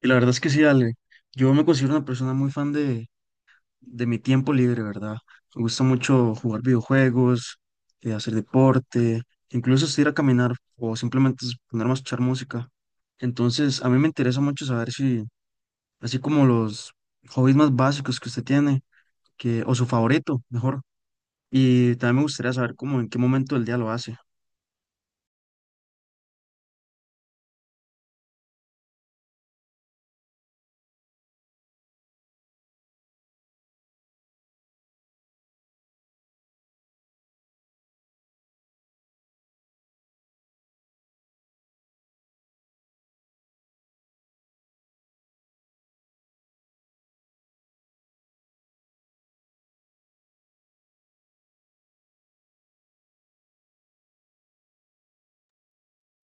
Y la verdad es que sí, Ale. Yo me considero una persona muy fan de mi tiempo libre, ¿verdad? Me gusta mucho jugar videojuegos, hacer deporte, incluso hasta ir a caminar o simplemente es ponerme a escuchar música. Entonces, a mí me interesa mucho saber si, así como los hobbies más básicos que usted tiene, que, o su favorito, mejor. Y también me gustaría saber cómo, en qué momento del día lo hace.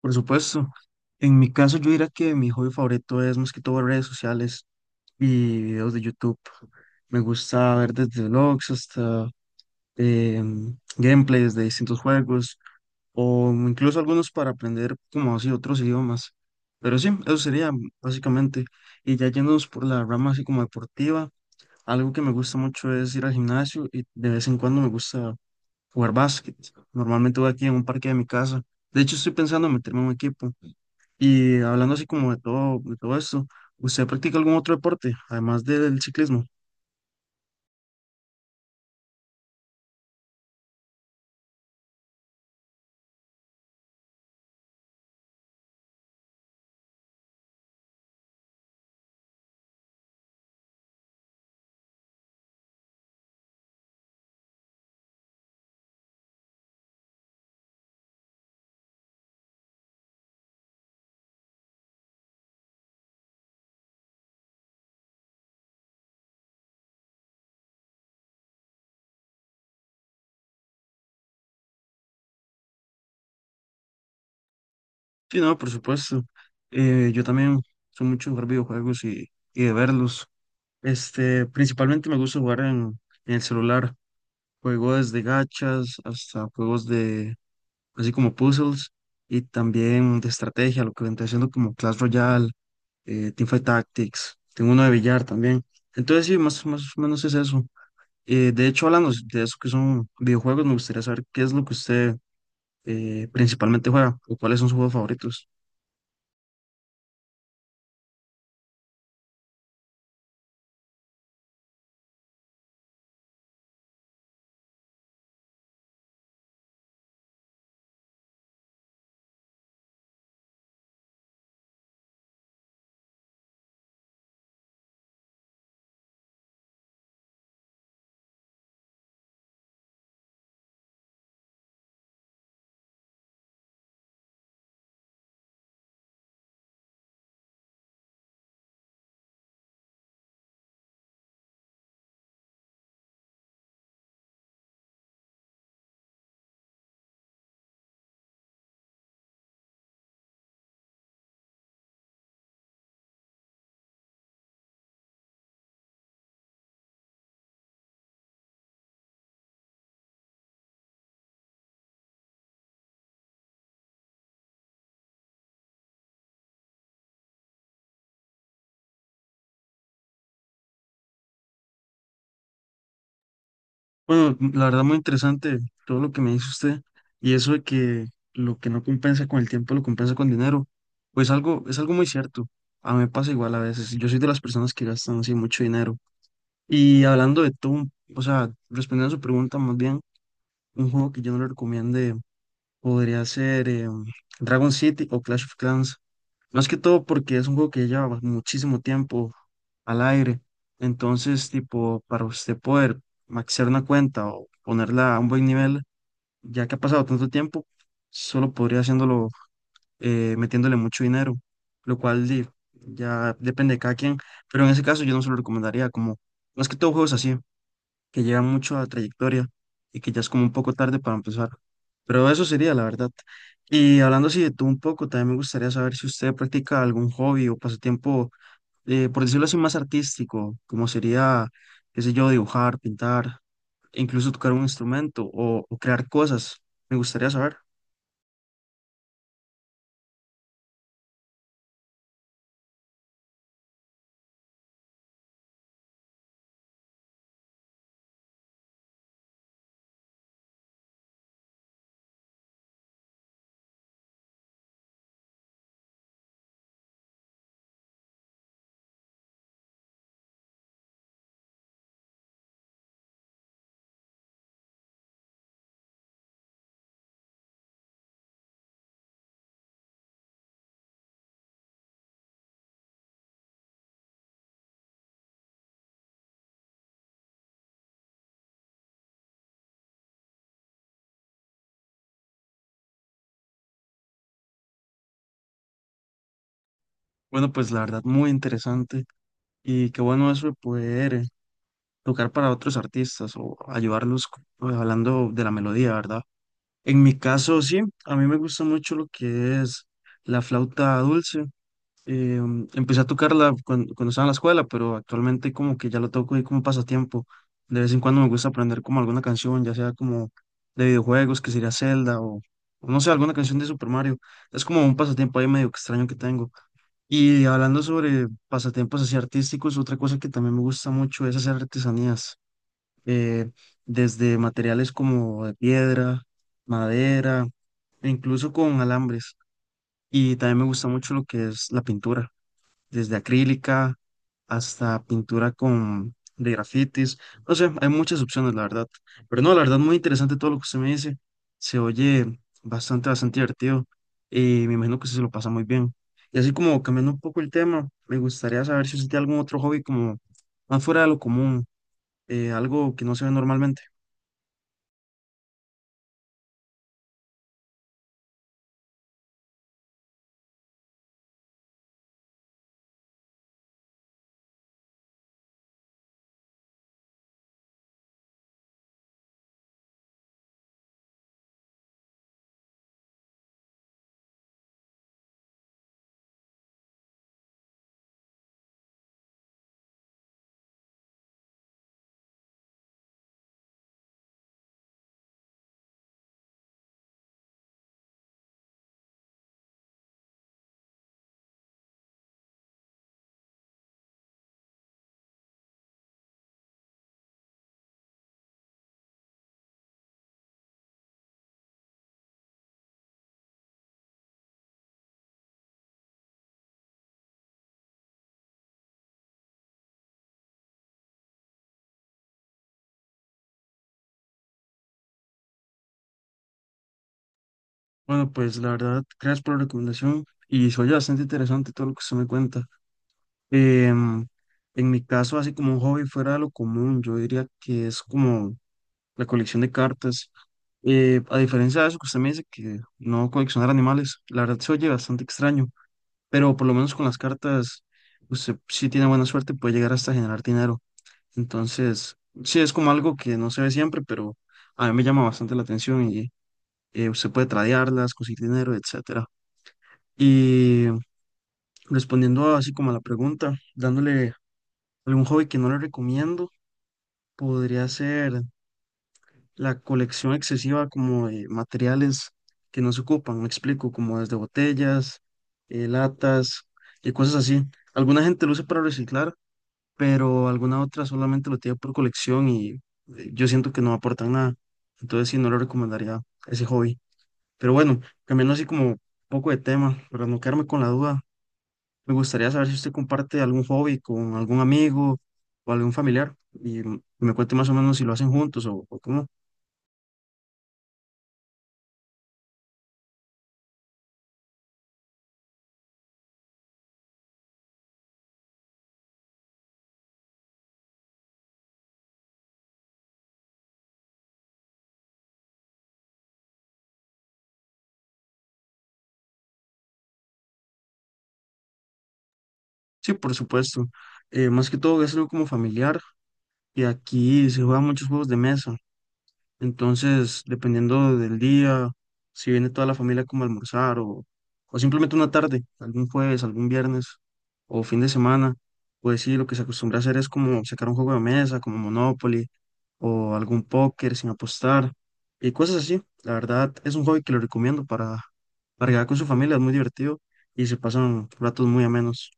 Por supuesto, en mi caso yo diría que mi hobby favorito es más que todo redes sociales. Y videos de YouTube. Me gusta ver desde vlogs hasta gameplays de distintos juegos o incluso algunos para aprender como así otros idiomas. Pero sí, eso sería básicamente. Y ya yéndonos por la rama así como deportiva, algo que me gusta mucho es ir al gimnasio y de vez en cuando me gusta jugar básquet. Normalmente voy aquí en un parque de mi casa. De hecho, estoy pensando en meterme en un equipo. Y hablando así como de todo esto, ¿usted practica algún otro deporte, además del ciclismo? Sí, no, por supuesto. Yo también soy mucho de jugar videojuegos y de verlos. Este, principalmente me gusta jugar en el celular. Juego desde gachas hasta juegos de, así como puzzles y también de estrategia, lo que vendría siendo como Clash Royale, Teamfight Tactics. Tengo uno de billar también. Entonces, sí, más o menos es eso. De hecho, hablando de eso que son videojuegos, me gustaría saber qué es lo que usted principalmente juega o cuáles son sus juegos favoritos. Bueno, la verdad muy interesante todo lo que me dice usted y eso de que lo que no compensa con el tiempo lo compensa con dinero, pues algo es algo muy cierto. A mí me pasa igual a veces. Yo soy de las personas que gastan así mucho dinero. Y hablando de todo, o sea, respondiendo a su pregunta más bien, un juego que yo no le recomiende podría ser Dragon City o Clash of Clans. Más que todo porque es un juego que lleva muchísimo tiempo al aire. Entonces, tipo, para usted poder maxear una cuenta o ponerla a un buen nivel, ya que ha pasado tanto tiempo, solo podría haciéndolo metiéndole mucho dinero, lo cual ya depende de cada quien. Pero en ese caso yo no se lo recomendaría, como más que todo juegos así que llevan mucho a trayectoria y que ya es como un poco tarde para empezar. Pero eso sería la verdad. Y hablando así de tú un poco, también me gustaría saber si usted practica algún hobby o pasatiempo, por decirlo así, más artístico, como sería, qué sé yo, dibujar, pintar, e incluso tocar un instrumento o crear cosas. Me gustaría saber. Bueno, pues la verdad, muy interesante y qué bueno eso de poder tocar para otros artistas o ayudarlos hablando de la melodía, ¿verdad? En mi caso, sí, a mí me gusta mucho lo que es la flauta dulce. Eh, Empecé a tocarla cuando, estaba en la escuela, pero actualmente como que ya lo toco ahí como pasatiempo. De vez en cuando me gusta aprender como alguna canción, ya sea como de videojuegos, que sería Zelda o no sé, alguna canción de Super Mario. Es como un pasatiempo ahí medio extraño que tengo. Y hablando sobre pasatiempos así artísticos, otra cosa que también me gusta mucho es hacer artesanías, eh, desde materiales como de piedra, madera, e incluso con alambres. Y también me gusta mucho lo que es la pintura, desde acrílica hasta pintura con de grafitis. No sé, hay muchas opciones, la verdad. Pero no, la verdad, muy interesante todo lo que usted me dice. Se oye bastante, bastante divertido y me imagino que usted se lo pasa muy bien. Y así como cambiando un poco el tema, me gustaría saber si usted tiene algún otro hobby como más fuera de lo común, algo que no se ve normalmente. Bueno, pues la verdad, gracias por la recomendación y soy bastante interesante todo lo que usted me cuenta. Em, en mi caso, así como un hobby fuera de lo común, yo diría que es como la colección de cartas. A diferencia de eso que usted me dice que no coleccionar animales, la verdad se oye bastante extraño, pero por lo menos con las cartas, usted si tiene buena suerte puede llegar hasta generar dinero. Entonces, sí es como algo que no se ve siempre, pero a mí me llama bastante la atención y usted puede tradearlas, conseguir dinero, etcétera, y respondiendo así como a la pregunta, dándole algún hobby que no le recomiendo, podría ser la colección excesiva como de materiales que no se ocupan, me explico, como desde botellas, latas y cosas así. Alguna gente lo usa para reciclar, pero alguna otra solamente lo tiene por colección y yo siento que no aportan nada. Entonces sí, no le recomendaría ese hobby. Pero bueno, cambiando así como un poco de tema, para no quedarme con la duda. Me gustaría saber si usted comparte algún hobby con algún amigo o algún familiar y me cuente más o menos si lo hacen juntos o cómo. Sí, por supuesto. Más que todo es algo como familiar y aquí se juegan muchos juegos de mesa. Entonces, dependiendo del día, si viene toda la familia como a almorzar o simplemente una tarde, algún jueves, algún viernes o fin de semana, pues sí, lo que se acostumbra a hacer es como sacar un juego de mesa, como Monopoly o algún póker sin apostar y cosas así. La verdad, es un hobby que lo recomiendo para llegar con su familia, es muy divertido y se pasan ratos muy amenos.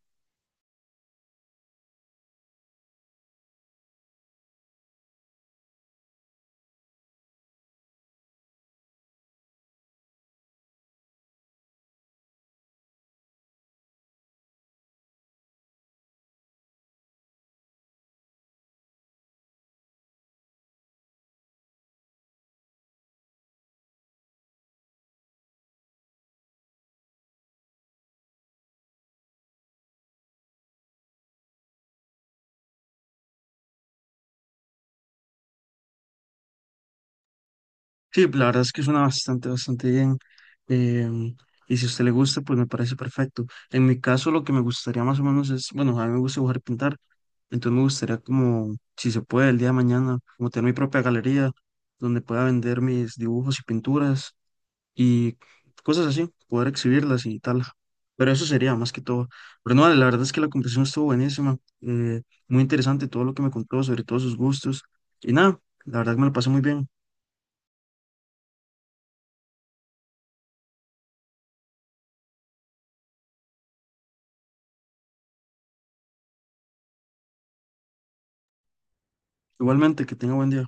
Sí, la verdad es que suena bastante, bastante bien. em, y si a usted le gusta, pues me parece perfecto. En mi caso, lo que me gustaría más o menos es, bueno, a mí me gusta dibujar y pintar, entonces me gustaría como, si se puede, el día de mañana, como tener mi propia galería donde pueda vender mis dibujos y pinturas y cosas así, poder exhibirlas y tal. Pero eso sería más que todo. Pero no, la verdad es que la conversación estuvo buenísima, eh, muy interesante todo lo que me contó, sobre todos sus gustos. Y nada, la verdad que me lo pasé muy bien. Igualmente, que tenga buen día.